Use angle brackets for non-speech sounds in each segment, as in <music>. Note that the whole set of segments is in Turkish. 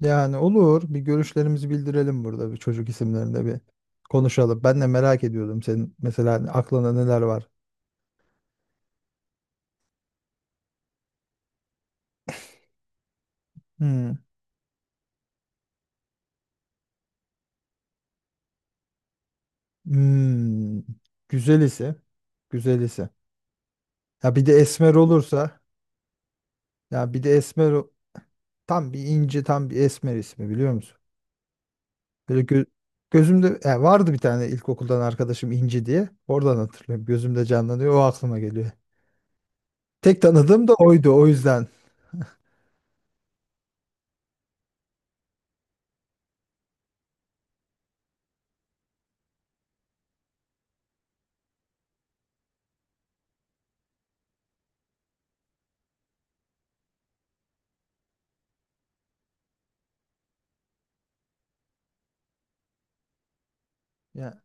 Yani olur. Bir görüşlerimizi bildirelim burada bir çocuk isimlerinde bir konuşalım. Ben de merak ediyordum senin mesela aklında neler var. Hmm. Hmm. Güzel ise. Güzel ise. Ya bir de esmer olursa. Ya bir de esmer o- tam bir inci tam bir esmer ismi biliyor musun? Böyle gö- Gözümde ya vardı bir tane ilkokuldan arkadaşım İnci diye. Oradan hatırlıyorum. Gözümde canlanıyor. O aklıma geliyor. Tek tanıdığım da oydu o yüzden. Ya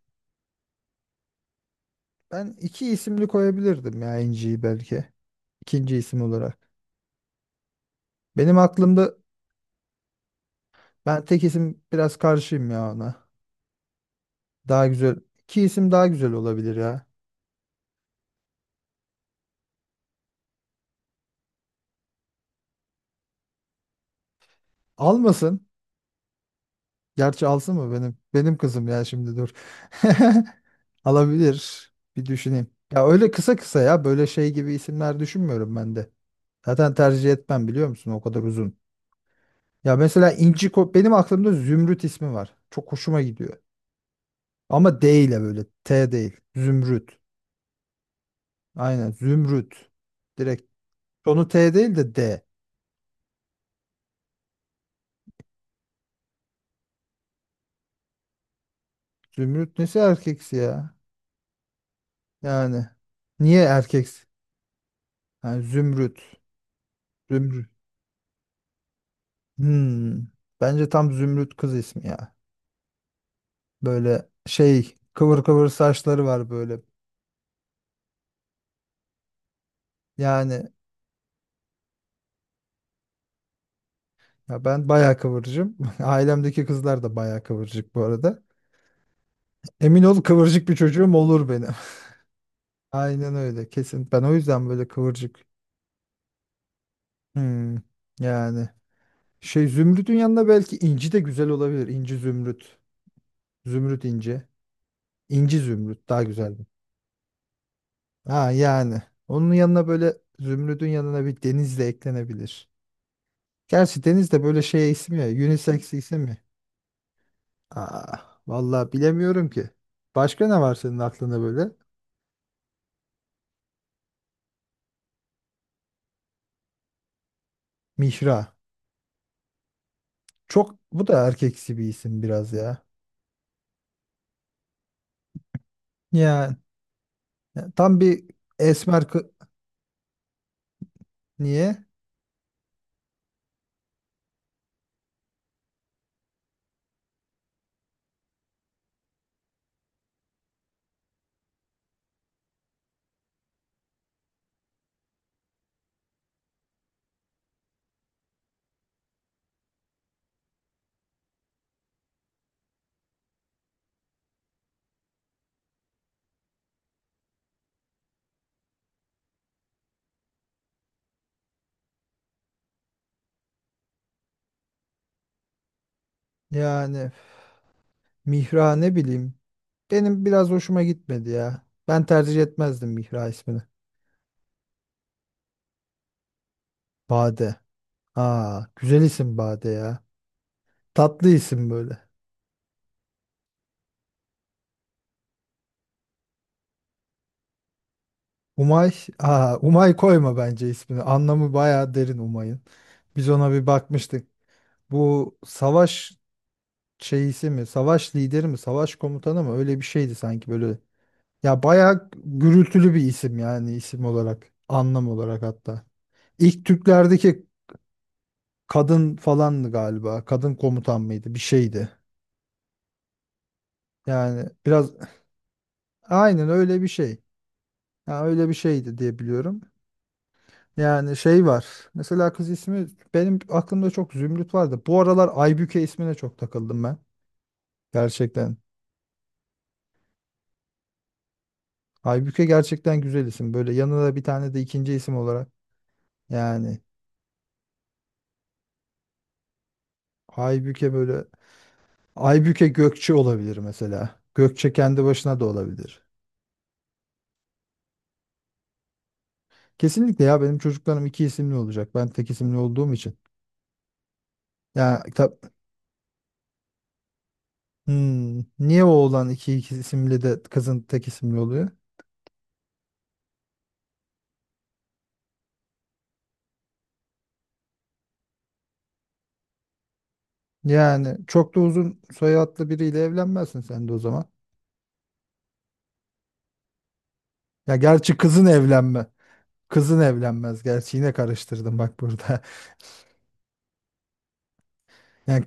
ben iki isimli koyabilirdim ya İnci'yi belki. İkinci isim olarak. Benim aklımda ben tek isim biraz karşıyım ya ona. Daha güzel. İki isim daha güzel olabilir ya. Almasın. Gerçi alsın mı benim? Benim kızım ya şimdi dur. <laughs> Alabilir. Bir düşüneyim. Ya öyle kısa kısa ya böyle şey gibi isimler düşünmüyorum ben de. Zaten tercih etmem biliyor musun o kadar uzun. Benim aklımda Zümrüt ismi var. Çok hoşuma gidiyor. Ama D ile böyle T değil. Zümrüt. Aynen Zümrüt. Direkt sonu T değil de D. Zümrüt nesi erkeksi ya? Yani niye erkeksi? Yani zümrüt. Zümrüt. Hmm. Bence tam zümrüt kız ismi ya. Böyle şey kıvır kıvır saçları var böyle. Yani ya ben bayağı kıvırcığım. <laughs> Ailemdeki kızlar da bayağı kıvırcık bu arada. Emin ol kıvırcık bir çocuğum olur benim. <laughs> Aynen öyle kesin. Ben o yüzden böyle kıvırcık. Hmm. Yani şey zümrütün yanına belki inci de güzel olabilir. İnci zümrüt. Zümrüt inci. İnci zümrüt daha güzeldi. Ha yani. Onun yanına böyle zümrüdün yanına bir deniz de eklenebilir. Gerçi deniz de böyle şey isim ya. Unisex isim ya. Aa, vallahi bilemiyorum ki. Başka ne var senin aklında böyle? Mihra. Çok bu da erkeksi bir isim biraz ya. Yani tam bir esmer kı- Niye? Yani Mihra ne bileyim. Benim biraz hoşuma gitmedi ya. Ben tercih etmezdim Mihra ismini. Bade. Aa, güzel isim Bade ya. Tatlı isim böyle. Umay, aa, Umay koyma bence ismini. Anlamı bayağı derin Umay'ın. Biz ona bir bakmıştık. Bu savaş şeyisi mi, savaş lideri mi, savaş komutanı mı öyle bir şeydi sanki böyle. Ya bayağı gürültülü bir isim yani isim olarak, anlam olarak hatta. İlk Türklerdeki kadın falandı galiba. Kadın komutan mıydı? Bir şeydi. Yani biraz aynen öyle bir şey. Ya öyle bir şeydi diye biliyorum. Yani şey var. Mesela kız ismi benim aklımda çok Zümrüt vardı. Bu aralar Aybüke ismine çok takıldım ben. Gerçekten. Aybüke gerçekten güzel isim. Böyle yanına da bir tane de ikinci isim olarak. Yani Aybüke böyle. Aybüke Gökçe olabilir mesela. Gökçe kendi başına da olabilir. Kesinlikle ya benim çocuklarım iki isimli olacak. Ben tek isimli olduğum için. Ya tab- Hmm, niye oğlan iki isimli de kızın tek isimli oluyor? Yani çok da uzun soyadlı biriyle evlenmezsin sen de o zaman. Ya gerçi kızın evlenme. Kızın evlenmez. Gerçi yine karıştırdım bak burada. <laughs> Yani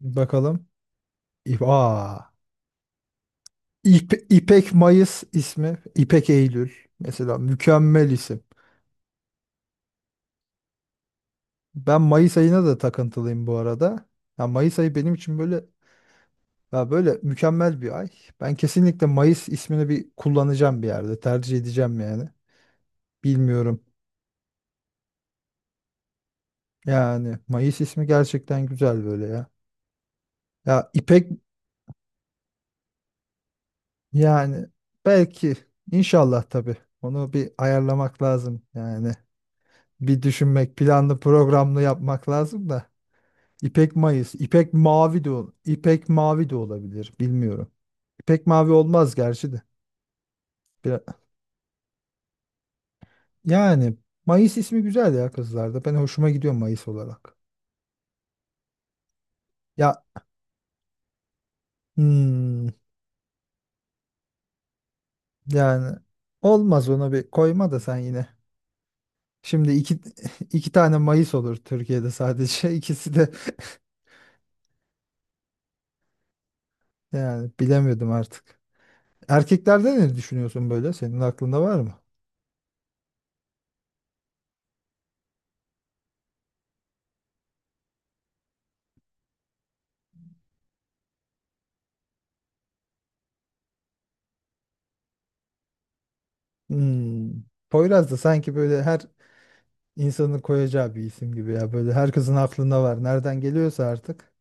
bakalım. Aa. İpek Mayıs ismi. İpek Eylül. Mesela mükemmel isim. Ben Mayıs ayına da takıntılıyım bu arada. Ya Mayıs ayı benim için böyle ya böyle mükemmel bir ay. Ben kesinlikle Mayıs ismini bir kullanacağım bir yerde. Tercih edeceğim yani. Bilmiyorum. Yani Mayıs ismi gerçekten güzel böyle ya. Ya İpek yani belki inşallah tabii. Onu bir ayarlamak lazım yani. Bir düşünmek, planlı programlı yapmak lazım da. İpek Mayıs, İpek Mavi de olabilir, bilmiyorum. İpek Mavi olmaz gerçi de. Biraz- yani Mayıs ismi güzel ya kızlarda. Ben hoşuma gidiyor Mayıs olarak. Ya hmm, yani olmaz ona bir koyma da sen yine. Şimdi iki <laughs> iki tane Mayıs olur Türkiye'de sadece. <laughs> İkisi de yani bilemiyordum artık. Erkeklerde ne düşünüyorsun böyle? Senin aklında var mı? Hmm. Poyraz da sanki böyle her insanın koyacağı bir isim gibi ya. Böyle herkesin aklında var. Nereden geliyorsa artık.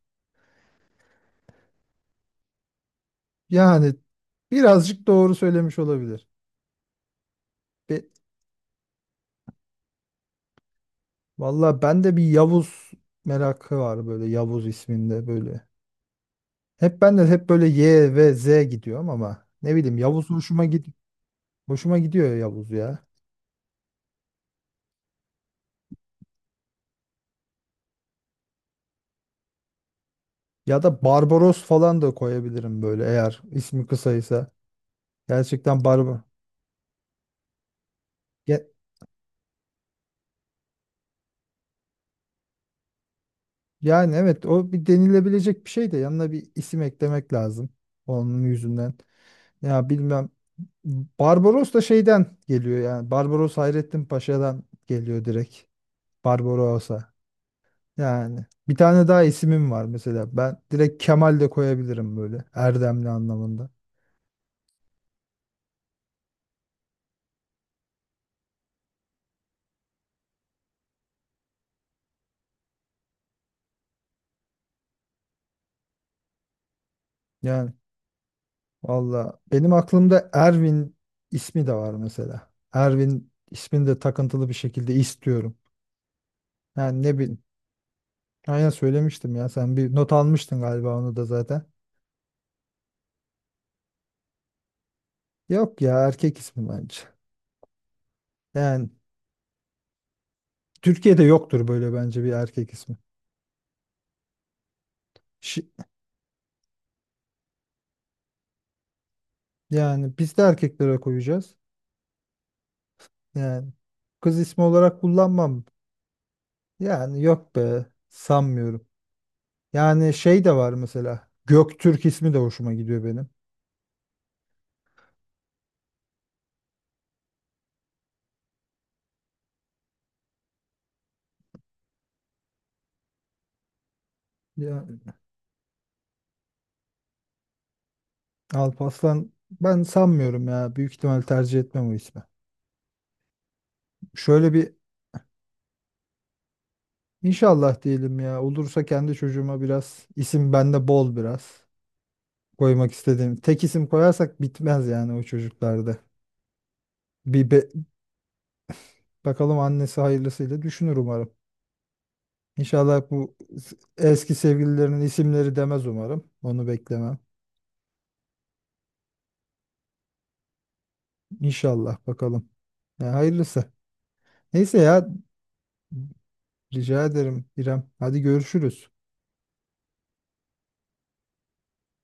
Yani birazcık doğru söylemiş olabilir. Be valla bende bir Yavuz merakı var böyle Yavuz isminde böyle. Hep ben de hep böyle Y ve Z gidiyorum ama ne bileyim Yavuz hoşuma gidiyor ya Yavuz ya. Ya da Barbaros falan da koyabilirim böyle eğer ismi kısaysa. Gerçekten Barbar. Yani evet o bir denilebilecek bir şey de yanına bir isim eklemek lazım onun yüzünden. Ya bilmem Barbaros da şeyden geliyor yani Barbaros Hayrettin Paşa'dan geliyor direkt Barbaros'a. Yani bir tane daha isimim var mesela ben direkt Kemal de koyabilirim böyle Erdemli anlamında. Yani valla benim aklımda Ervin ismi de var mesela. Ervin ismini de takıntılı bir şekilde istiyorum. Yani ne bi- Aynen söylemiştim ya. Sen bir not almıştın galiba onu da zaten. Yok ya erkek ismi bence. Yani Türkiye'de yoktur böyle bence bir erkek ismi. Şi- yani biz de erkeklere koyacağız. Yani kız ismi olarak kullanmam. Yani yok be sanmıyorum. Yani şey de var mesela. Göktürk ismi de hoşuma gidiyor benim. Ya Alparslan ben sanmıyorum ya. Büyük ihtimal tercih etmem o ismi. Şöyle bir inşallah diyelim ya. Olursa kendi çocuğuma biraz isim bende bol biraz koymak istediğim. Tek isim koyarsak bitmez yani o çocuklarda. Bir be- bakalım annesi hayırlısıyla düşünür umarım. İnşallah eski sevgililerinin isimleri demez umarım. Onu beklemem. İnşallah bakalım. Ya hayırlısı. Neyse ya rica ederim İrem. Hadi görüşürüz.